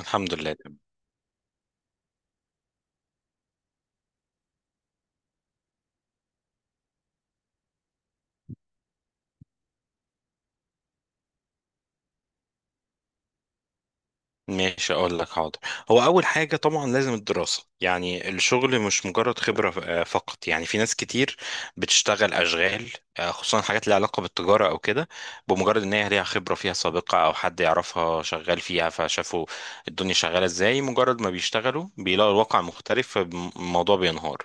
الحمد لله، تمام. ماشي، اقول لك، حاضر. هو اول حاجه طبعا لازم الدراسه، يعني الشغل مش مجرد خبره فقط. يعني في ناس كتير بتشتغل اشغال، خصوصا حاجات ليها علاقه بالتجاره او كده، بمجرد ان هي ليها خبره فيها سابقه او حد يعرفها شغال فيها، فشافوا الدنيا شغاله ازاي. مجرد ما بيشتغلوا بيلاقوا الواقع مختلف، فالموضوع بينهار.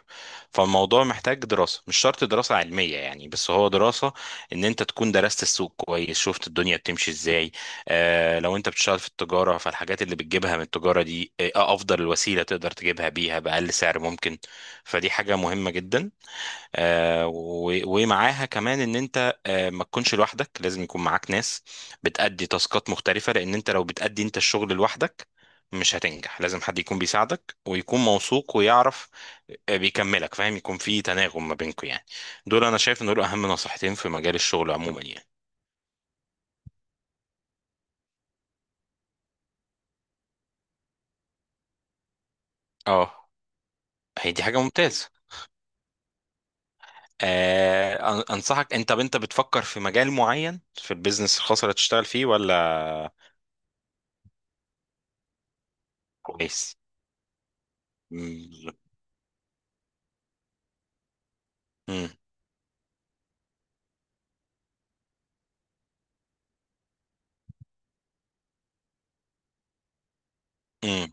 فالموضوع محتاج دراسه، مش شرط دراسه علميه يعني، بس هو دراسه ان انت تكون درست السوق كويس، شفت الدنيا بتمشي ازاي. لو انت بتشتغل في التجارة، فالحاجات اللي بتجيبها من التجارة دي، افضل الوسيلة تقدر تجيبها بيها بأقل سعر ممكن. فدي حاجة مهمة جدا. ومعاها كمان ان انت ما تكونش لوحدك، لازم يكون معاك ناس بتأدي تاسكات مختلفة، لان انت لو بتأدي انت الشغل لوحدك مش هتنجح. لازم حد يكون بيساعدك، ويكون موثوق ويعرف، بيكملك، فاهم؟ يكون في تناغم ما بينكم يعني. دول انا شايف ان دول اهم نصيحتين في مجال الشغل عموما يعني. اه، هي دي حاجة ممتازة. انصحك انت، طب انت بتفكر في مجال معين في البيزنس الخاص اللي هتشتغل فيه ولا؟ كويس. مم. مم. مم.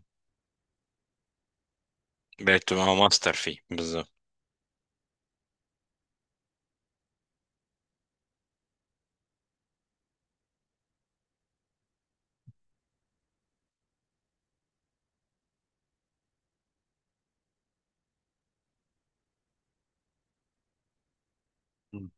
بتبقى ماستر فيه بالظبط. مم.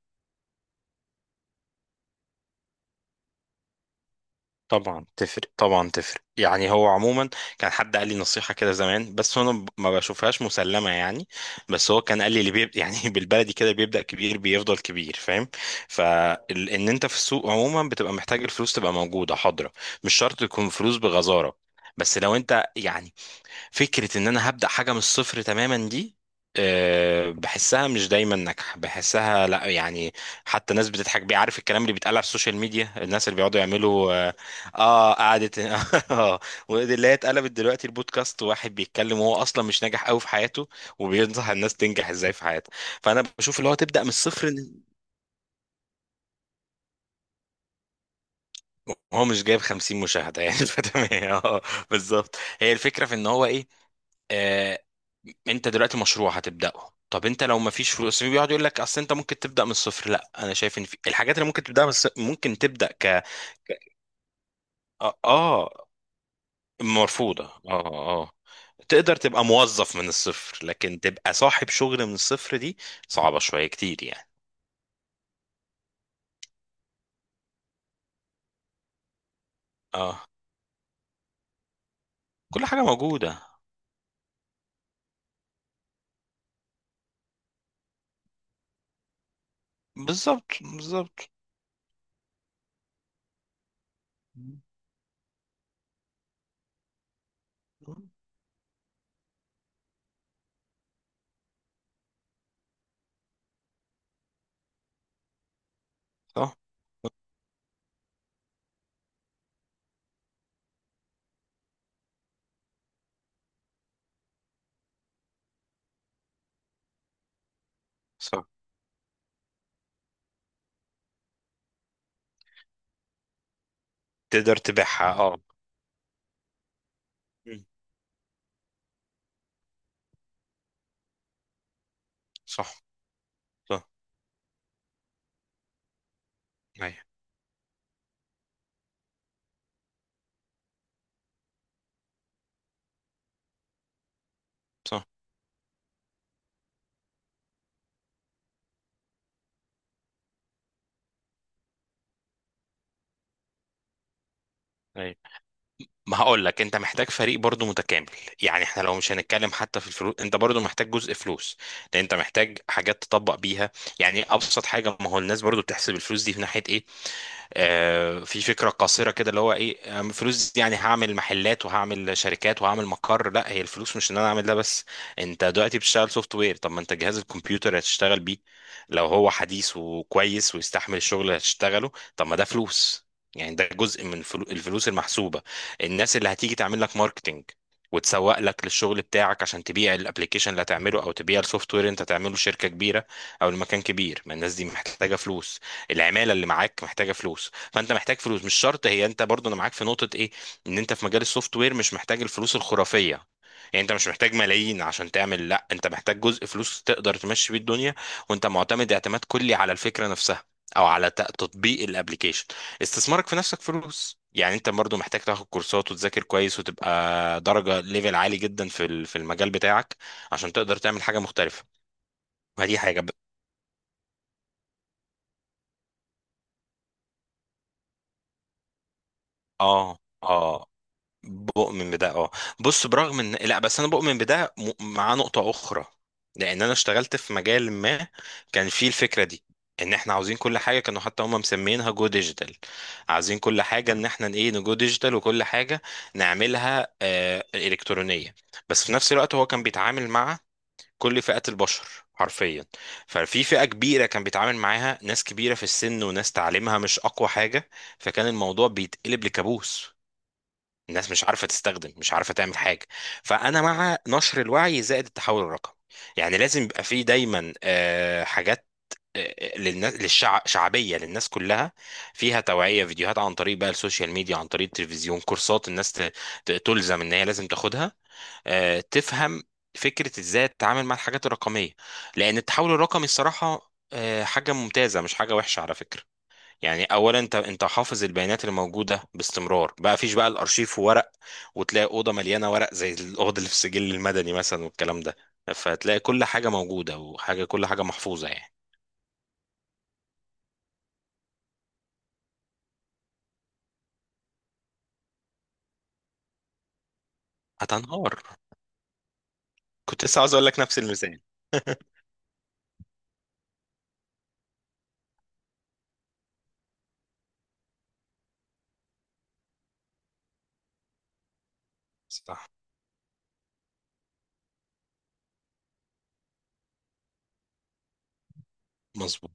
طبعا تفرق، طبعا تفرق، يعني هو عموما كان حد قال لي نصيحة كده زمان، بس انا ما بشوفهاش مسلمة يعني. بس هو كان قال لي اللي يعني بالبلدي كده، بيبدأ كبير بيفضل كبير، فاهم؟ فان انت في السوق عموما بتبقى محتاج الفلوس تبقى موجودة حاضرة. مش شرط تكون فلوس بغزارة، بس لو انت يعني فكرة ان انا هبدأ حاجة من الصفر تماما دي، بحسها مش دايما ناجحة، بحسها لا يعني. حتى ناس بتضحك بيه، عارف الكلام اللي بيتقال على السوشيال ميديا؟ الناس اللي بيقعدوا يعملوا اه، قعدة اه. ودي اللي هي اتقلبت دلوقتي البودكاست، واحد بيتكلم وهو اصلا مش ناجح قوي في حياته، وبينصح الناس تنجح ازاي في حياتها. فانا بشوف اللي هو تبدأ من الصفر، هو مش جايب 50 مشاهدة يعني فتمام، اه، اه، بالظبط. هي الفكرة في ان هو ايه؟ آه. انت دلوقتي مشروع هتبدأه، طب انت لو ما فيش فلوس بيقعد يقول لك اصل انت ممكن تبدأ من الصفر. لا، انا شايف ان في الحاجات اللي ممكن تبدأ من الصفر، ممكن تبدأ ك... اه، مرفوضة. اه، اه، تقدر تبقى موظف من الصفر، لكن تبقى صاحب شغل من الصفر دي صعبة شوية كتير يعني. اه. كل حاجة موجودة. بالظبط بالظبط. صح. صح، تقدر تبيعها اه. مم. صح. صح. ايوه. صح. ايوه، ما هقول لك، انت محتاج فريق برضو متكامل. يعني احنا لو مش هنتكلم حتى في الفلوس، انت برضو محتاج جزء فلوس، لان انت محتاج حاجات تطبق بيها. يعني ابسط حاجه، ما هو الناس برضو بتحسب الفلوس دي في ناحيه ايه. في فكره قاصره كده، اللي هو ايه، فلوس دي يعني هعمل محلات وهعمل شركات وهعمل مقر. لا، هي الفلوس مش ان انا اعمل ده بس. انت دلوقتي بتشتغل سوفت وير، طب ما انت جهاز الكمبيوتر اللي هتشتغل بيه لو هو حديث وكويس ويستحمل الشغل اللي هتشتغله، طب ما ده فلوس. يعني ده جزء من الفلوس المحسوبه. الناس اللي هتيجي تعمل لك ماركتنج وتسوق لك للشغل بتاعك، عشان تبيع الابليكيشن اللي هتعمله، او تبيع السوفت وير انت تعمله لشركه كبيره او لمكان كبير، ما الناس دي محتاجه فلوس. العماله اللي معاك محتاجه فلوس، فانت محتاج فلوس. مش شرط هي، انت برضو، انا معاك في نقطه ايه، ان انت في مجال السوفت وير مش محتاج الفلوس الخرافيه. يعني انت مش محتاج ملايين عشان تعمل. لا، انت محتاج جزء فلوس تقدر تمشي بيه الدنيا، وانت معتمد اعتماد كلي على الفكره نفسها، او على تطبيق الابليكيشن. استثمارك في نفسك فلوس، يعني انت برضو محتاج تاخد كورسات وتذاكر كويس، وتبقى درجه ليفل عالي جدا في في المجال بتاعك عشان تقدر تعمل حاجه مختلفه. ما دي حاجه اه، اه، بؤمن بده، اه. بص، برغم ان لا، بس انا بؤمن بده مع نقطة اخرى، لان انا اشتغلت في مجال ما كان فيه الفكرة دي، ان احنا عاوزين كل حاجة، كانوا حتى هم مسمينها جو ديجيتال. عايزين كل حاجة ان احنا ايه، نجو ديجيتال، وكل حاجة نعملها آه الكترونية. بس في نفس الوقت هو كان بيتعامل مع كل فئات البشر، حرفيا. ففي فئة كبيرة كان بيتعامل معاها، ناس كبيرة في السن وناس تعليمها مش اقوى حاجة. فكان الموضوع بيتقلب لكابوس. الناس مش عارفه تستخدم، مش عارفه تعمل حاجه. فانا مع نشر الوعي زائد التحول الرقمي. يعني لازم يبقى فيه دايما حاجات للناس، للشعب، شعبيه للناس كلها، فيها توعيه، فيديوهات عن طريق بقى السوشيال ميديا، عن طريق التلفزيون، كورسات الناس تلزم ان هي لازم تاخدها، تفهم فكره ازاي تتعامل مع الحاجات الرقميه. لان التحول الرقمي الصراحه حاجه ممتازه، مش حاجه وحشه على فكره. يعني اولا انت، انت حافظ البيانات الموجوده باستمرار، بقى فيش بقى الارشيف ورق، وتلاقي اوضه مليانه ورق زي الاوضه اللي في السجل المدني مثلا والكلام ده. فتلاقي كل حاجه موجوده، وحاجه كل حاجه محفوظه يعني. هتنهار. كنت لسه عاوز اقول لك نفس المثال. صح. مظبوط.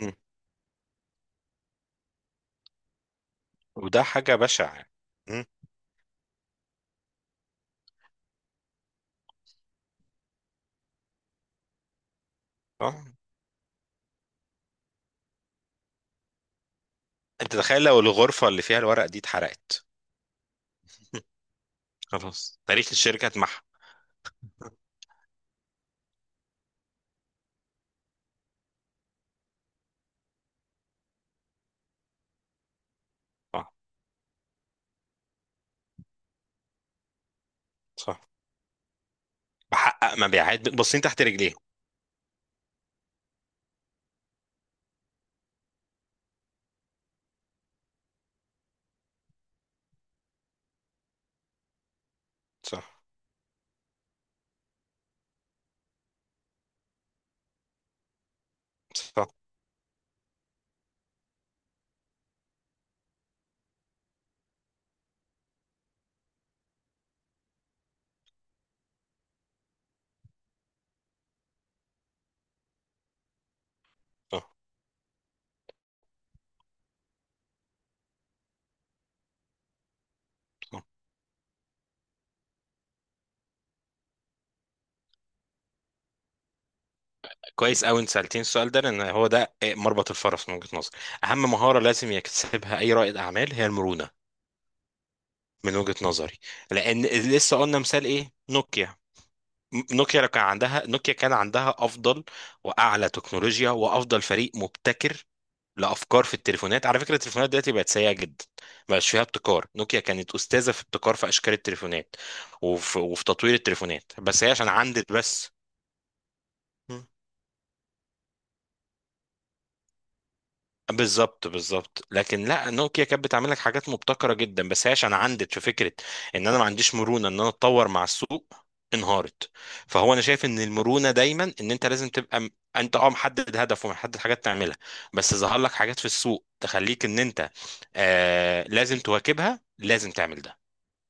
مم. وده حاجه بشعه. مم. اه، انت تخيل لو الغرفه اللي فيها الورق دي اتحرقت. مم. خلاص، تاريخ الشركه اتمحى. اه. صح. بحقق مبيعات باصين تحت رجليهم. صح. صح. صح. كويس قوي انت سالتين السؤال ده، لان هو ده مربط الفرس من وجهه نظري. اهم مهاره لازم يكتسبها اي رائد اعمال هي المرونه، من وجهه نظري. لان لسه قلنا مثال ايه؟ نوكيا. نوكيا لو كان عندها، نوكيا كان عندها افضل واعلى تكنولوجيا، وافضل فريق مبتكر لافكار في التليفونات. على فكره التليفونات دلوقتي بقت سيئه جدا، مبقاش فيها ابتكار. نوكيا كانت استاذه في ابتكار في اشكال التليفونات وفي تطوير التليفونات، بس هي عشان عندت بس. بالظبط بالظبط. لكن لا، نوكيا كانت بتعمل لك حاجات مبتكره جدا، بس هي عشان عندت في فكره ان انا ما عنديش مرونه ان انا اتطور مع السوق، انهارت. فهو انا شايف ان المرونه دايما ان انت لازم تبقى انت اه محدد هدف ومحدد حاجات تعملها، بس ظهر لك حاجات في السوق تخليك ان انت آه لازم تواكبها، لازم تعمل ده.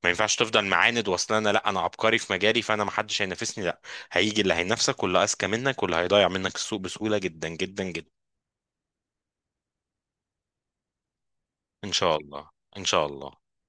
ما ينفعش تفضل معاند، واصل انا لا انا عبقري في مجالي، فانا ما حدش هينافسني. لا، هيجي اللي هينافسك، واللي اذكى منك، واللي هيضيع منك السوق بسهوله جدا جدا جدا. ان شاء الله. ان شاء الله.